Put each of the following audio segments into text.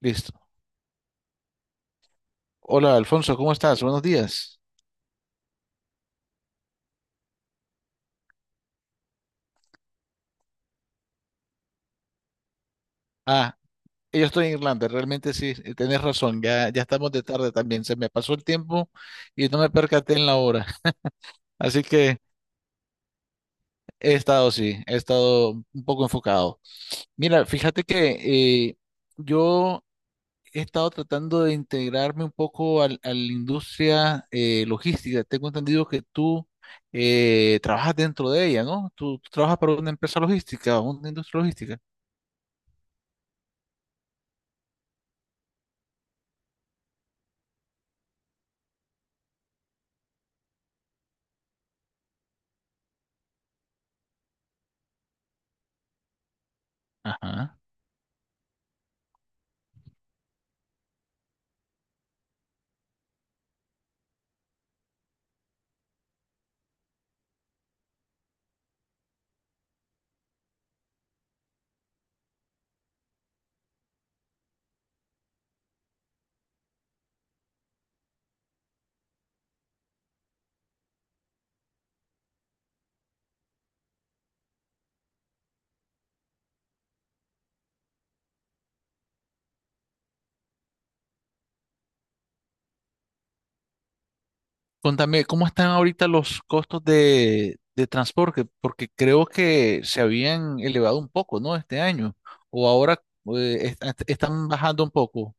Listo. Hola, Alfonso, ¿cómo estás? Buenos días. Ah, yo estoy en Irlanda, realmente sí, tenés razón, ya estamos de tarde también, se me pasó el tiempo y no me percaté en la hora. Así que he estado, sí, he estado un poco enfocado. Mira, fíjate que yo he estado tratando de integrarme un poco a la industria logística. Tengo entendido que tú trabajas dentro de ella, ¿no? Tú trabajas para una empresa logística, una industria logística. Ajá. Contame, ¿cómo están ahorita los costos de transporte? Porque creo que se habían elevado un poco, ¿no? Este año. O ahora están bajando un poco.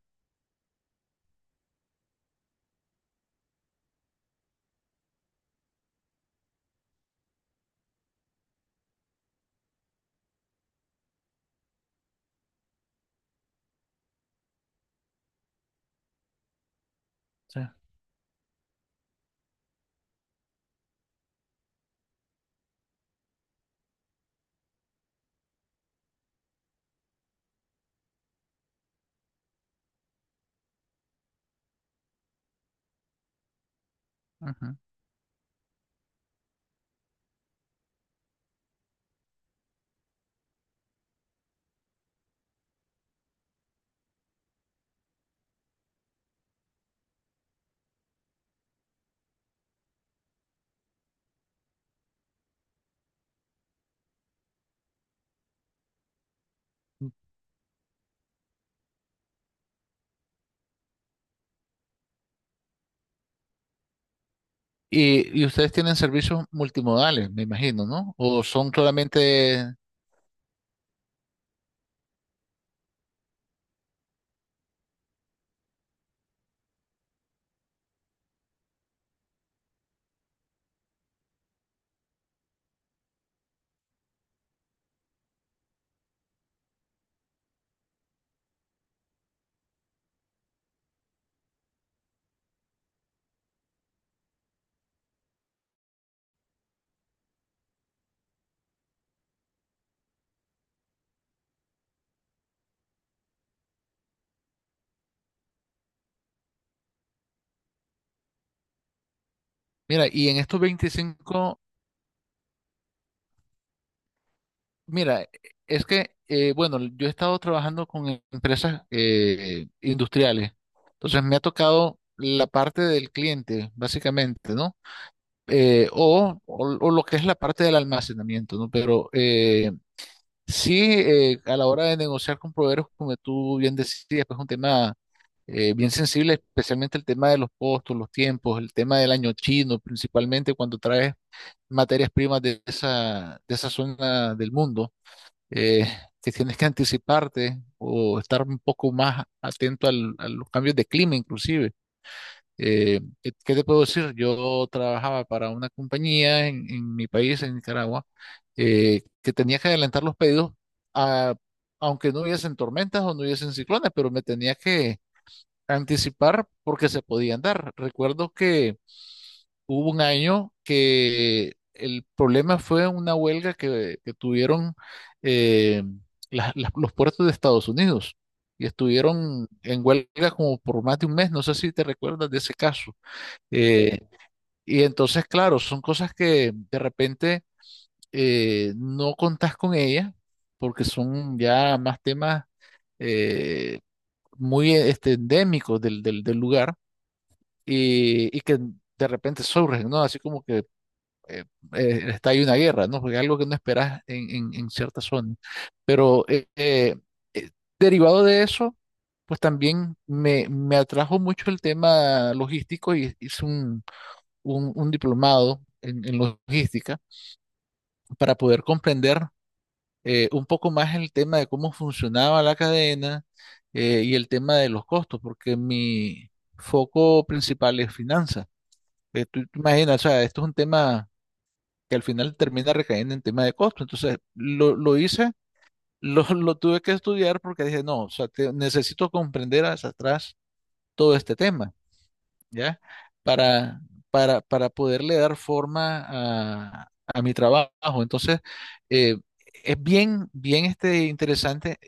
Sí. Ujú. Y ustedes tienen servicios multimodales, me imagino, ¿no? O son solamente... Mira, y en estos 25 mira, bueno, yo he estado trabajando con empresas industriales. Entonces me ha tocado la parte del cliente, básicamente, ¿no? O, o lo que es la parte del almacenamiento, ¿no? Pero sí, a la hora de negociar con proveedores, como tú bien decías, pues es un tema bien sensible, especialmente el tema de los costos, los tiempos, el tema del año chino, principalmente cuando traes materias primas de esa zona del mundo, eh, que tienes que anticiparte o estar un poco más atento a los cambios de clima, inclusive. ¿Qué qué te puedo decir? Yo trabajaba para una compañía en mi país, en Nicaragua, que tenía que adelantar los pedidos, a- aunque no hubiesen tormentas o no hubiesen ciclones, pero me tenía que anticipar porque se podían dar. Recuerdo que hubo un año que el problema fue una huelga que tuvieron eh, los puertos de Estados Unidos y estuvieron en huelga como por más de un mes. No sé si te recuerdas de ese caso. Eh, y entonces, claro, son cosas que de repente no contás con ellas porque son ya más temas eh, muy este, endémicos del lugar y que de repente surgen, ¿no? Así como que eh, está ahí una guerra, ¿no? Porque algo que no esperás en cierta zona. Pero eh, derivado de eso, pues también me atrajo mucho el tema logístico y hice un diplomado en logística para poder comprender un poco más el tema de cómo funcionaba la cadena y el tema de los costos, porque mi foco principal es finanzas. Tú te imaginas, o sea, esto es un tema que al final termina recayendo en tema de costo. Entonces, lo hice, lo tuve que estudiar porque dije, no, o sea, necesito comprender hacia atrás todo este tema. ¿Ya? Para, para poderle dar forma a mi trabajo. Entonces, eh, es bien, bien este, interesante,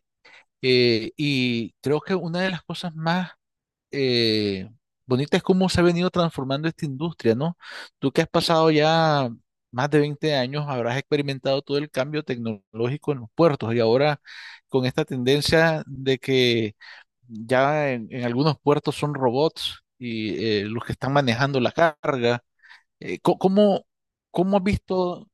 y creo que una de las cosas más eh, bonitas es cómo se ha venido transformando esta industria, ¿no? Tú que has pasado ya... Más de 20 años habrás experimentado todo el cambio tecnológico en los puertos y ahora con esta tendencia de que ya en algunos puertos son robots y los que están manejando la carga. ¿Cómo, cómo has visto?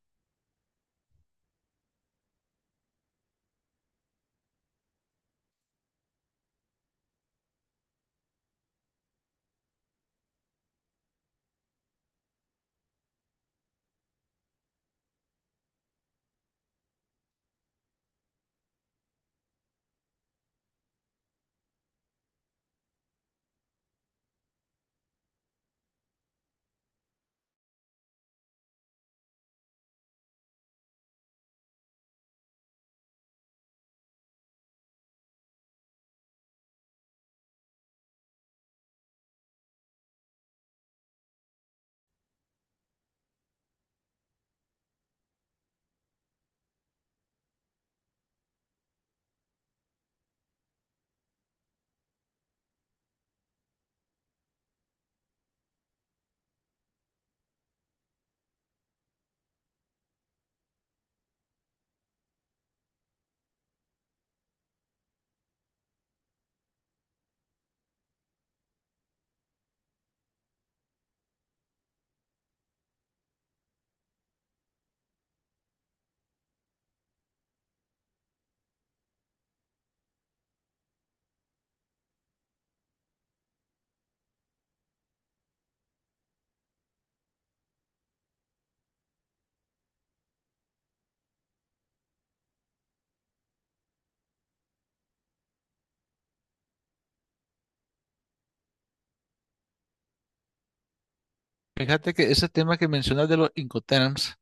Fíjate que ese tema que mencionas de los Incoterms,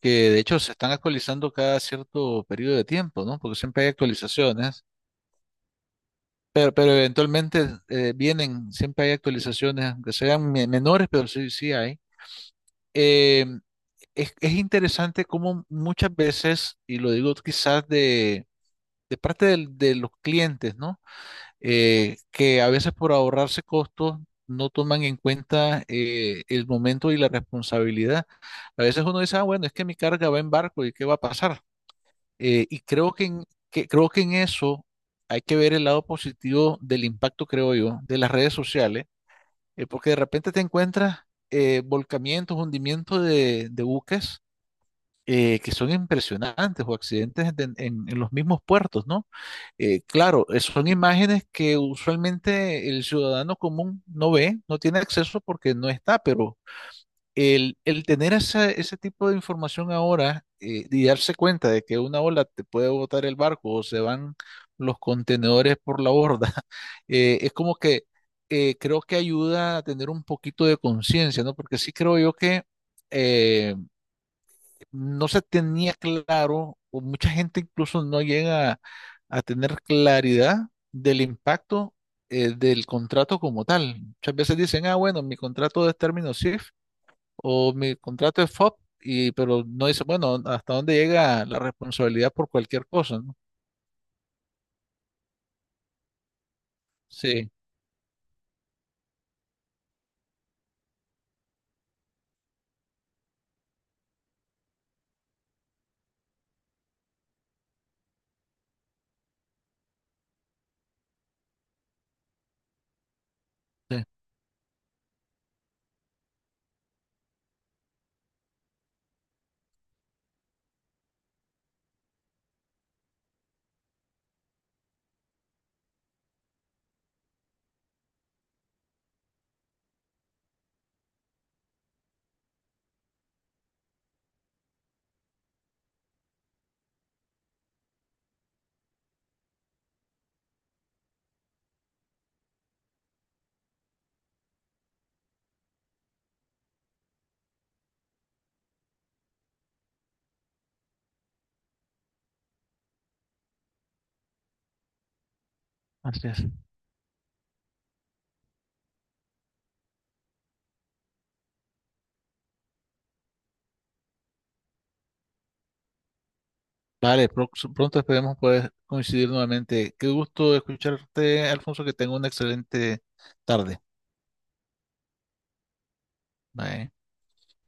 que de hecho se están actualizando cada cierto periodo de tiempo, ¿no? Porque siempre hay actualizaciones, pero eventualmente vienen, siempre hay actualizaciones, aunque sean menores, pero sí, sí hay. Eh, es interesante cómo muchas veces, y lo digo quizás de parte de los clientes, ¿no? Que a veces por ahorrarse costos no toman en cuenta el momento y la responsabilidad. A veces uno dice, ah, bueno, es que mi carga va en barco y qué va a pasar. Eh, y creo que en, creo que en eso hay que ver el lado positivo del impacto, creo yo, de las redes sociales, porque de repente te encuentras volcamientos, hundimientos de buques que son impresionantes o accidentes en los mismos puertos, ¿no? Claro, son imágenes que usualmente el ciudadano común no ve, no tiene acceso porque no está, pero el tener ese tipo de información ahora y darse cuenta de que una ola te puede botar el barco o se van los contenedores por la borda. Es como que creo que ayuda a tener un poquito de conciencia, ¿no? Porque sí creo yo que... eh, no se tenía claro, o mucha gente incluso no llega a tener claridad del impacto del contrato como tal. Muchas veces dicen, ah, bueno, mi contrato es término SIF o mi contrato es FOP, y, pero no dice, bueno, hasta dónde llega la responsabilidad por cualquier cosa, ¿no? Sí, así es. Vale, pronto esperemos poder coincidir nuevamente. Qué gusto escucharte, Alfonso, que tenga una excelente tarde. Bye.